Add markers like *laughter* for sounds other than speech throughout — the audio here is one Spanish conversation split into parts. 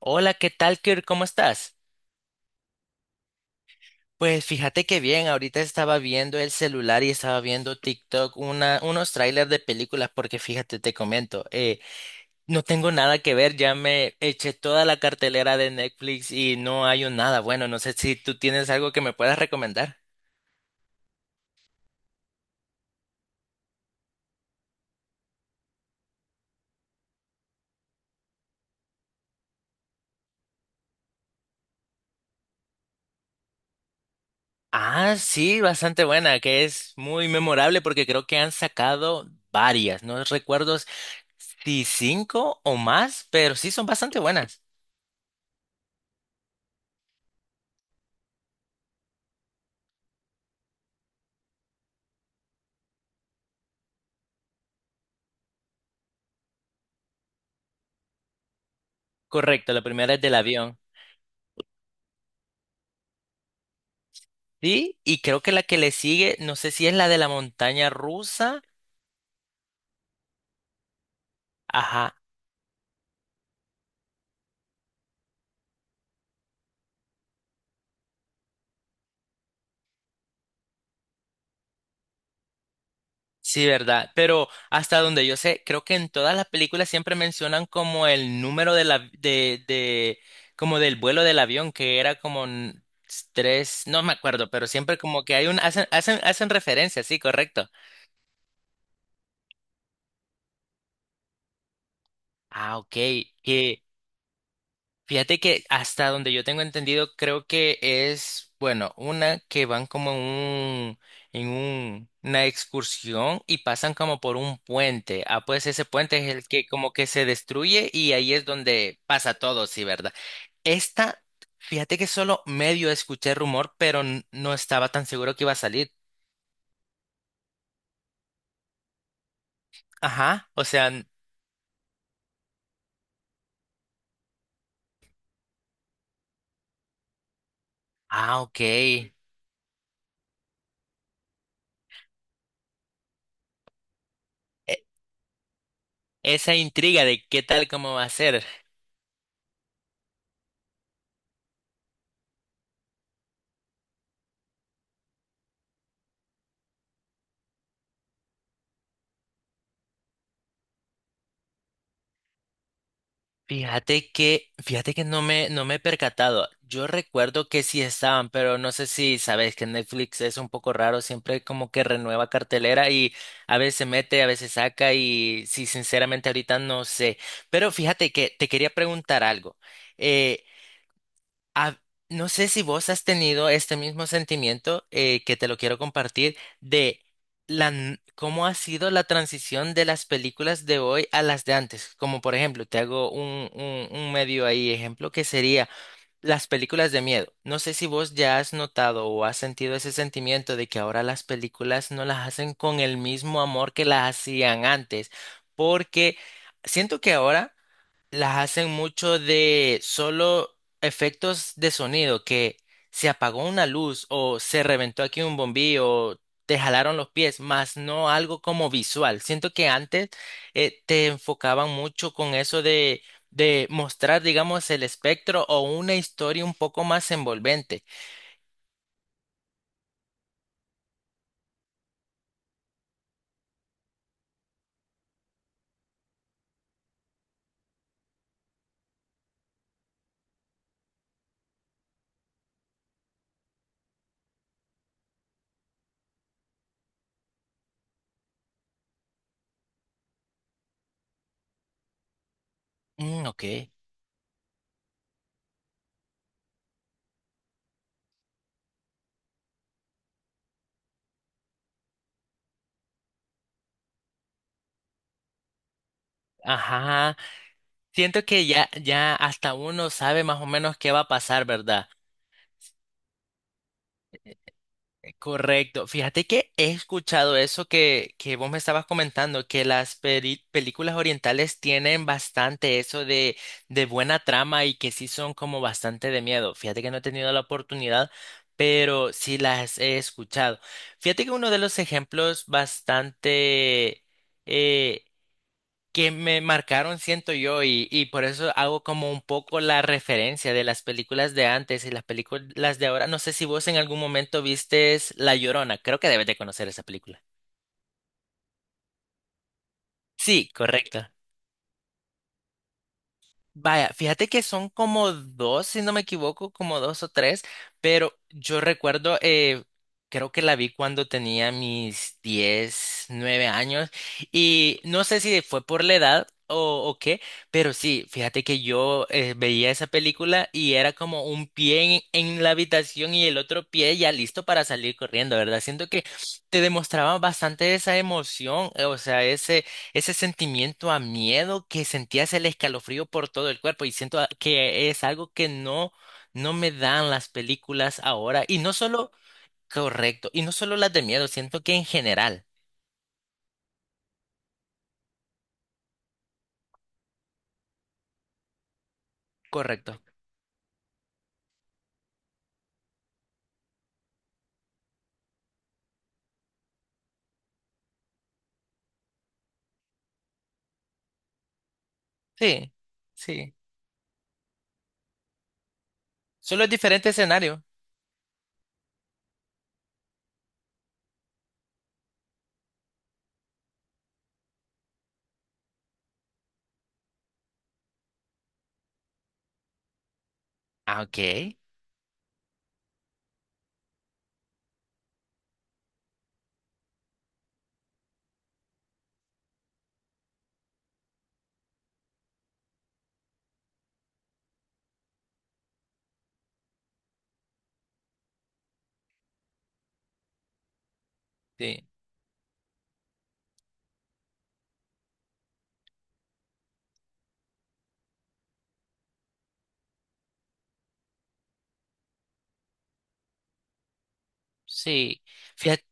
Hola, ¿qué tal, Kirk? ¿Cómo estás? Pues fíjate que bien, ahorita estaba viendo el celular y estaba viendo TikTok, unos trailers de películas, porque fíjate, te comento, no tengo nada que ver, ya me eché toda la cartelera de Netflix y no hay un nada bueno, no sé si tú tienes algo que me puedas recomendar. Ah, sí, bastante buena, que es muy memorable porque creo que han sacado varias, no recuerdo si cinco o más, pero sí son bastante buenas. Correcto, la primera es del avión. Sí, y creo que la que le sigue, no sé si es la de la montaña rusa. Ajá, sí, ¿verdad? Pero hasta donde yo sé, creo que en todas las películas siempre mencionan como el número de la, como del vuelo del avión, que era como tres, no me acuerdo, pero siempre como que hay hacen referencia, sí, correcto. Ah, ok. que Fíjate que hasta donde yo tengo entendido, creo que es, bueno, una que van como en una excursión y pasan como por un puente. Ah, pues ese puente es el que como que se destruye y ahí es donde pasa todo, sí, ¿verdad? Esta, Fíjate que solo medio escuché rumor, pero no estaba tan seguro que iba a salir. Ajá, o sea, ah, ok. Esa intriga de qué tal, cómo va a ser. Fíjate que no me he percatado. Yo recuerdo que sí estaban, pero no sé si sabes que Netflix es un poco raro, siempre como que renueva cartelera y a veces mete, a veces saca y sí, sinceramente ahorita no sé. Pero fíjate que te quería preguntar algo. Eh, Ah, no sé si vos has tenido este mismo sentimiento que te lo quiero compartir de cómo ha sido la transición de las películas de hoy a las de antes. Como por ejemplo, te hago un medio ahí ejemplo que sería las películas de miedo. No sé si vos ya has notado o has sentido ese sentimiento de que ahora las películas no las hacen con el mismo amor que las hacían antes, porque siento que ahora las hacen mucho de solo efectos de sonido, que se apagó una luz o se reventó aquí un bombillo o te jalaron los pies, más no algo como visual. Siento que antes te enfocaban mucho con eso de mostrar, digamos, el espectro o una historia un poco más envolvente. Mm, ok. Ajá. Siento que ya, ya hasta uno sabe más o menos qué va a pasar, ¿verdad? Correcto. Fíjate que he escuchado eso que vos me estabas comentando, que las películas orientales tienen bastante eso de buena trama y que sí son como bastante de miedo. Fíjate que no he tenido la oportunidad, pero sí las he escuchado. Fíjate que uno de los ejemplos bastante eh, que me marcaron, siento yo, y por eso hago como un poco la referencia de las películas de antes y las películas de ahora. No sé si vos en algún momento vistes La Llorona, creo que debes de conocer esa película. Sí, correcto. Vaya, fíjate que son como dos, si no me equivoco, como dos o tres, pero yo recuerdo, creo que la vi cuando tenía mis 10 9 años y no sé si fue por la edad o qué, pero sí, fíjate que yo veía esa película y era como un pie en la habitación y el otro pie ya listo para salir corriendo, ¿verdad? Siento que te demostraba bastante esa emoción, o sea, ese sentimiento a miedo que sentías el escalofrío por todo el cuerpo y siento que es algo que no, no me dan las películas ahora y no solo, correcto, y no solo las de miedo, siento que en general, correcto. Sí, sí. Solo es diferente escenario. Ah, ok. Sí, sí. Fíjate,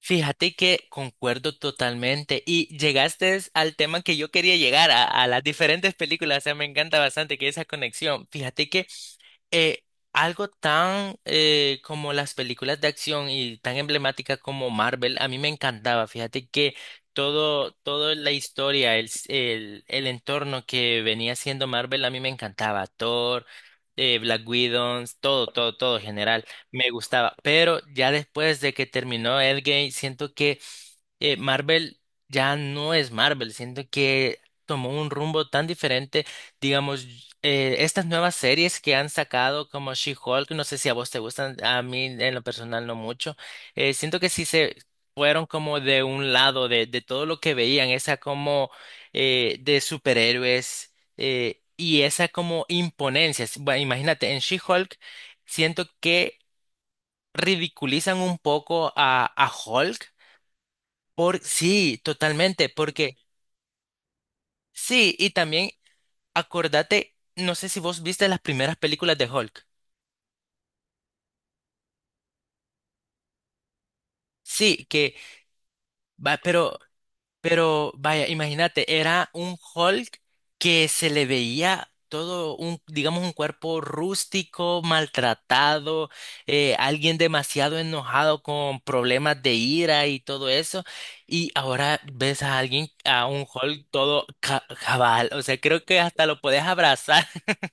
fíjate que concuerdo totalmente y llegaste al tema que yo quería llegar a las diferentes películas, o sea, me encanta bastante que esa conexión. Fíjate que eh, algo tan como las películas de acción y tan emblemática como Marvel, a mí me encantaba. Fíjate que todo, toda la historia, el entorno que venía siendo Marvel, a mí me encantaba. Thor, Black Widow, todo, todo, todo en general, me gustaba. Pero ya después de que terminó Endgame, siento que Marvel ya no es Marvel, siento que tomó un rumbo tan diferente digamos, estas nuevas series que han sacado como She-Hulk, no sé si a vos te gustan, a mí en lo personal no mucho, siento que sí se fueron como de un lado de todo lo que veían, esa como de superhéroes y esa como imponencia. Bueno, imagínate, en She-Hulk siento que ridiculizan un poco a Hulk por sí, totalmente, porque sí, y también Acordate, no sé si vos viste las primeras películas de Hulk. Sí, que va, pero, vaya, imagínate, era un Hulk que se le veía todo un, digamos, un cuerpo rústico, maltratado, alguien demasiado enojado con problemas de ira y todo eso. Y ahora ves a alguien, a un Hulk todo cabal. O sea, creo que hasta lo podés abrazar. *laughs*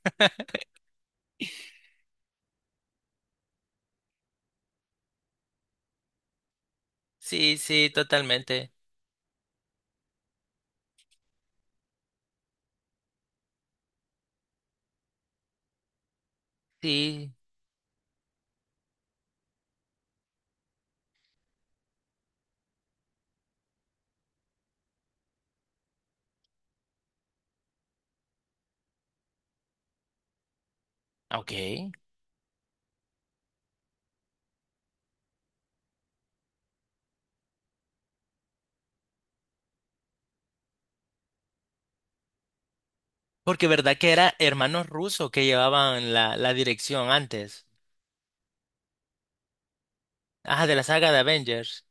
Sí, sí, totalmente. Sí. Ok. Porque verdad que era hermanos rusos que llevaban la dirección antes. Ajá, de la saga de Avengers.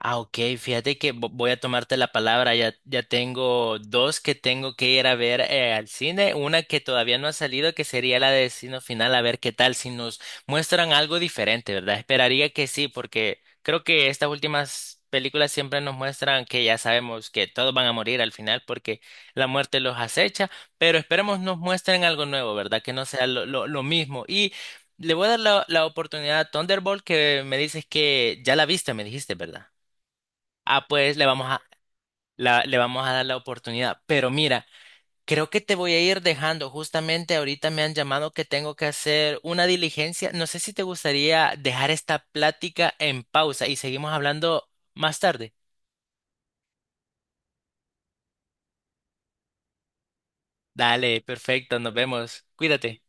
Ah, ok, fíjate que voy a tomarte la palabra. Ya, ya tengo dos que tengo que ir a ver al cine. Una que todavía no ha salido, que sería la de Destino Final, a ver qué tal, si nos muestran algo diferente, ¿verdad? Esperaría que sí, porque creo que estas últimas películas siempre nos muestran que ya sabemos que todos van a morir al final porque la muerte los acecha, pero esperemos nos muestren algo nuevo, ¿verdad? Que no sea lo mismo. Y le voy a dar la oportunidad a Thunderbolt, que me dices que ya la viste, me dijiste, ¿verdad? Ah, pues le vamos a, le vamos a dar la oportunidad. Pero mira, creo que te voy a ir dejando. Justamente ahorita me han llamado que tengo que hacer una diligencia. No sé si te gustaría dejar esta plática en pausa y seguimos hablando más tarde. Dale, perfecto, nos vemos. Cuídate.